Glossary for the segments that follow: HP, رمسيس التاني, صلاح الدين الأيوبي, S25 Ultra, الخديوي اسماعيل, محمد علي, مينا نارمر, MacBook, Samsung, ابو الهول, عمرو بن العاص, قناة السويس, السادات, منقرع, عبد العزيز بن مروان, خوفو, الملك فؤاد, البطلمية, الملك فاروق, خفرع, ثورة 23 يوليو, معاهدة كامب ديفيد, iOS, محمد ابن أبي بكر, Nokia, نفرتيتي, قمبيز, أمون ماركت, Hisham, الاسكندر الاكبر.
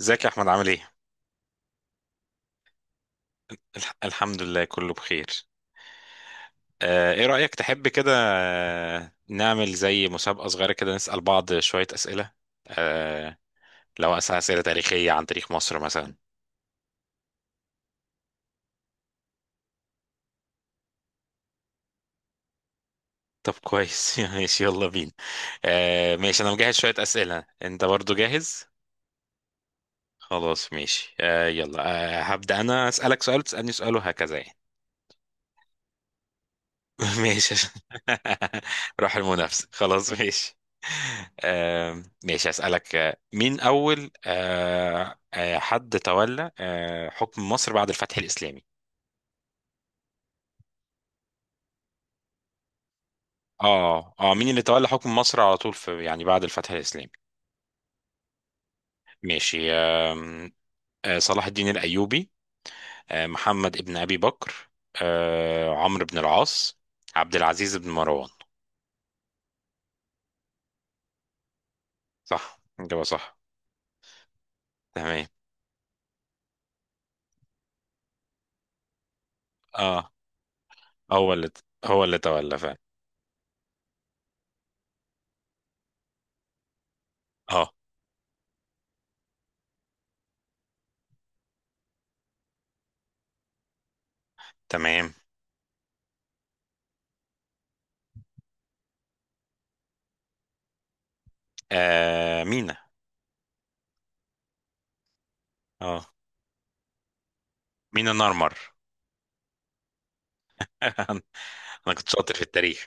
ازيك يا احمد، عامل ايه؟ الحمد لله كله بخير. ايه رأيك، تحب كده نعمل زي مسابقة صغيرة كده، نسأل بعض شوية أسئلة؟ آه، لو أسأل أسئلة تاريخية عن تاريخ مصر مثلا. طب كويس. ماشي، يلا بينا. ماشي، أنا مجهز شوية أسئلة، أنت برضو جاهز؟ خلاص ماشي، يلا. هبدأ أنا أسألك سؤال، تسألني سؤال، وهكذا يعني. ماشي. روح المنافسة، خلاص ماشي. ماشي، أسألك: مين أول حد تولى حكم مصر بعد الفتح الإسلامي؟ اه، اه، مين اللي تولى حكم مصر على طول، في يعني، بعد الفتح الإسلامي. ماشي. صلاح الدين الأيوبي، محمد ابن أبي بكر، عمرو بن العاص، عبد العزيز بن مروان؟ صح، إجابة صح. تمام. اه، هو اللي هو اللي تولى فعلا. اه، تمام. مينا. اه، مينا نارمر. انا كنت شاطر في التاريخ.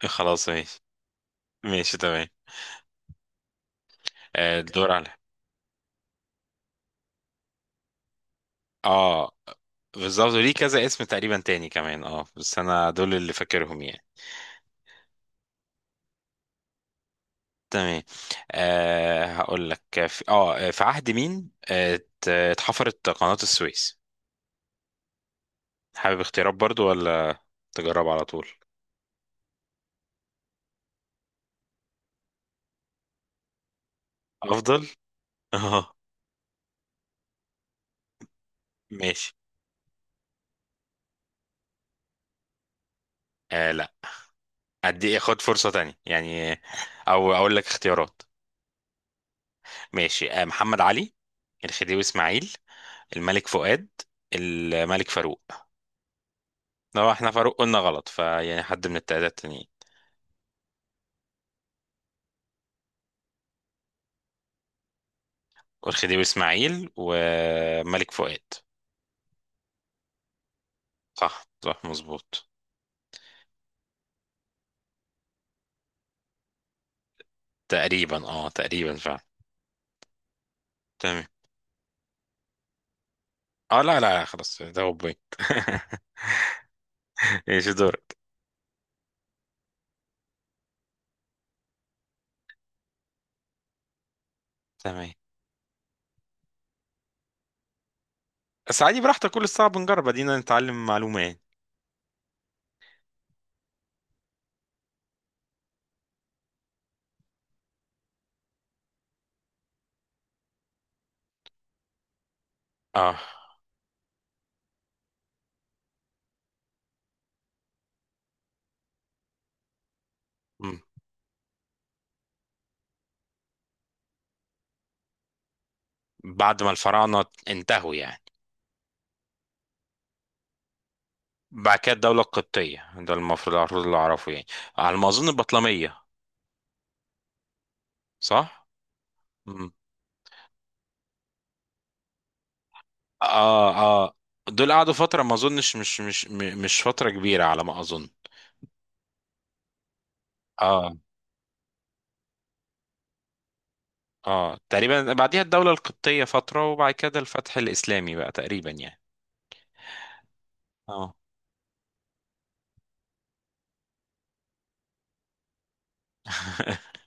خلاص ماشي. ماشي، تمام. الدور على. اه، بالظبط، ليه كذا اسم تقريبا تاني كمان. اه، بس انا دول اللي فاكرهم يعني. تمام. هقول لك: في عهد مين اتحفرت قناة السويس؟ حابب اختيارات برضو، ولا تجرب على طول؟ افضل. اه، ماشي. لا، ادي خد فرصة تانية يعني، او اقول لك اختيارات. ماشي، محمد علي، الخديوي اسماعيل، الملك فؤاد، الملك فاروق. لو احنا فاروق قلنا غلط، فيعني حد من التلاتة التانيين، والخديوي اسماعيل وملك فؤاد. صح، صح، مظبوط. تقريبا، اه، تقريبا فعلا. تمام. اه، لا، لا، خلاص، ده هو بوينت. ايش دورك؟ تمام. بس عادي، براحتك، كل الصعب نجرب، ادينا نتعلم معلومة يعني. اه. مم. بعد ما الفراعنة انتهوا يعني؟ بعد كده الدولة القبطية، ده المفروض اللي أعرفه يعني، على ما أظن البطلمية. صح؟ مم. آه، آه، دول قعدوا فترة، ما أظنش مش فترة كبيرة، على ما أظن. آه، آه، تقريبا بعديها الدولة القبطية فترة، وبعد كده الفتح الإسلامي بقى تقريبا يعني. آه.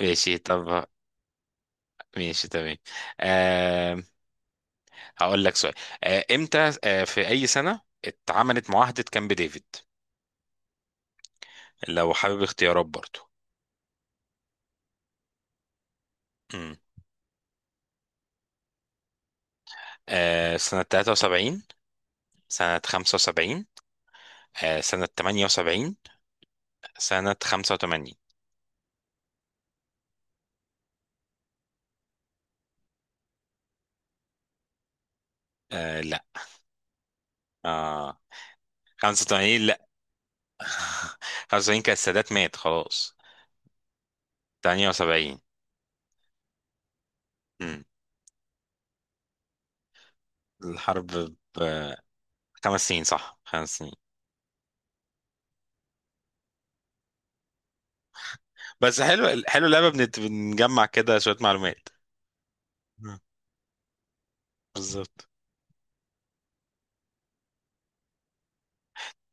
ماشي، طب. ماشي، تمام. آه هقول لك سؤال. إمتى، في أي سنة اتعملت معاهدة كامب ديفيد؟ لو حابب اختيارات برضو: سنة 73، سنة 75، سنة 78، سنة 85. لا. آه. 85، لا. 75 كان السادات مات خلاص. 78. مم. الحرب، ب- خمس سنين، صح، خمس سنين. بس حلو حلو اللعبة، بنجمع كده شوية معلومات. مم. بالظبط.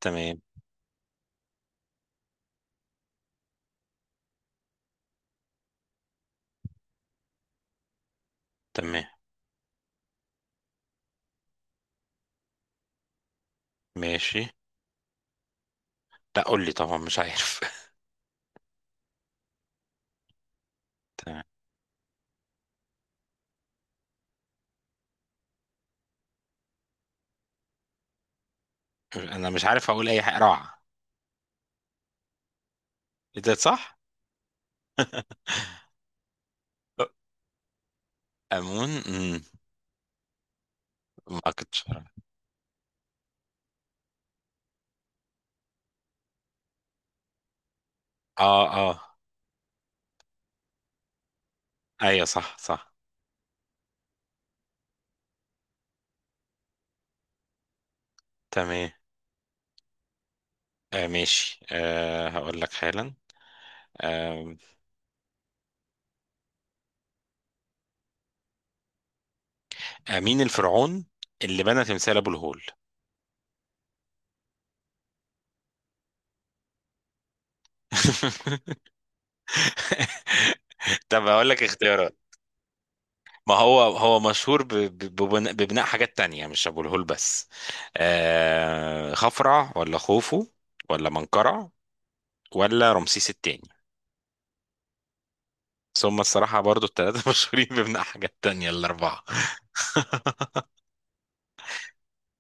تمام، تمام، ماشي. لا، قول لي، طبعا مش عارف. تمام. انا مش عارف اقول اي حاجة، روعة. إيه ده، صح؟ أمون. ماركت شهر. اه، اه، ايوه، صح، صح، تمام. ماشي. هقول لك حالا. آه مين الفرعون اللي بنى تمثال ابو الهول؟ طب، هقول لك اختيارات. ما هو مشهور ببناء حاجات تانية، مش ابو الهول بس. خفرع ولا خوفو، ولا منقرع، ولا رمسيس التاني؟ ثم الصراحة برضو الثلاثة مشهورين ببناء حاجات تانية، الأربعة.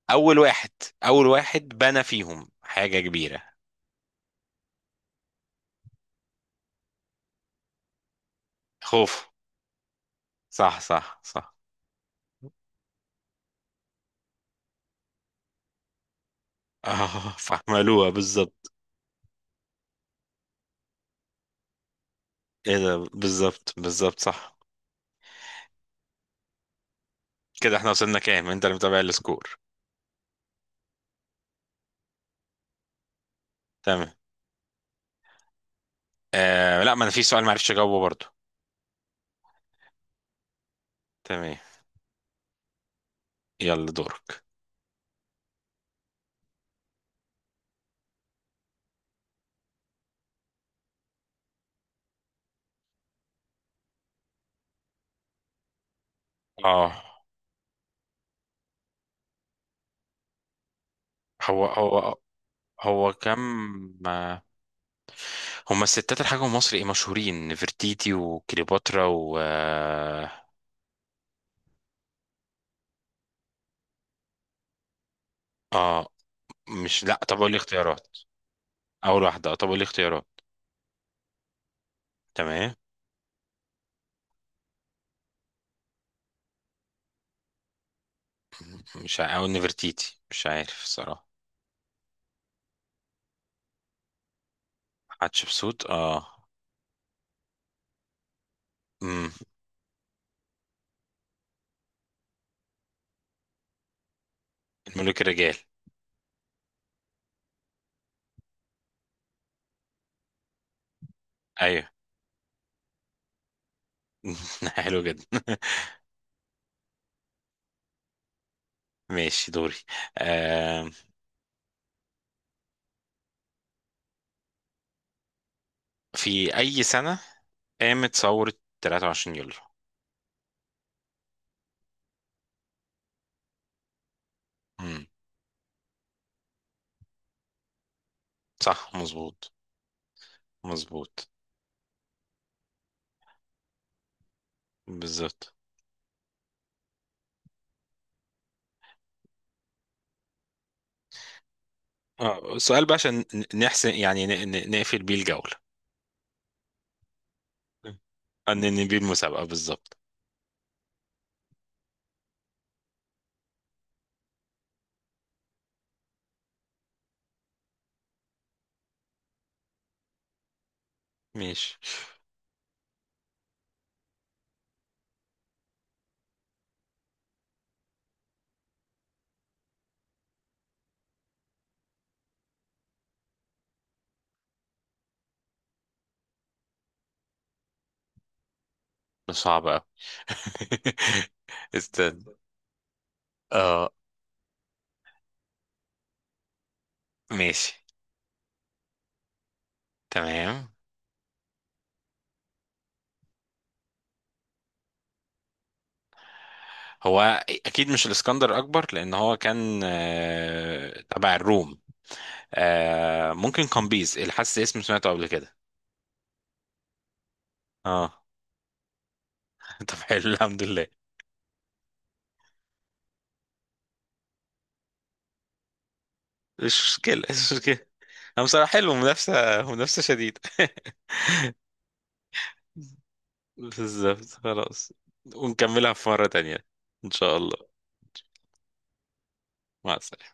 اول واحد اول واحد بنى فيهم حاجة كبيرة. خوف، صح، صح، صح. اه، فعملوها بالظبط. ايه ده، بالظبط، بالظبط، صح. كده احنا وصلنا كام؟ انت اللي متابع السكور. تمام. لا، ما انا في سؤال معرفش اجاوبه برضو. تمام. يلا دورك. اه، هو هو هو كم، ما هما الستات، الحاجة مصر ايه مشهورين، نفرتيتي وكليوباترا و اه آه، مش لا، طب قول لي اختيارات. اول واحدة، اه، طب قول لي اختيارات. تمام، مش ع- او نفرتيتي، مش عارف صراحة. حتشبسوت. اه. امم الملوك الرجال. ايوه. حلو جدا. ماشي، دوري. آه. في اي سنة قامت ثورة 23 يوليو؟ امم صح، مظبوط. مظبوط. بالظبط. اه، سؤال بقى عشان نحسن يعني نقفل بيه الجولة، ننهي بيه المسابقة، بالظبط. ماشي. ده صعب أوي. استنى. اه، ماشي، تمام. هو اكيد مش الاسكندر الاكبر، لان هو كان تبع الروم. ممكن قمبيز، اللي حاسس اسم سمعته قبل كده. اه. طب، حلو، الحمد لله. مش مشكله، مش مشكله. انا بصراحه حلو، منافسه منافسه شديده. بالظبط خلاص. ونكملها في مره تانية، ان شاء الله. مع السلامه.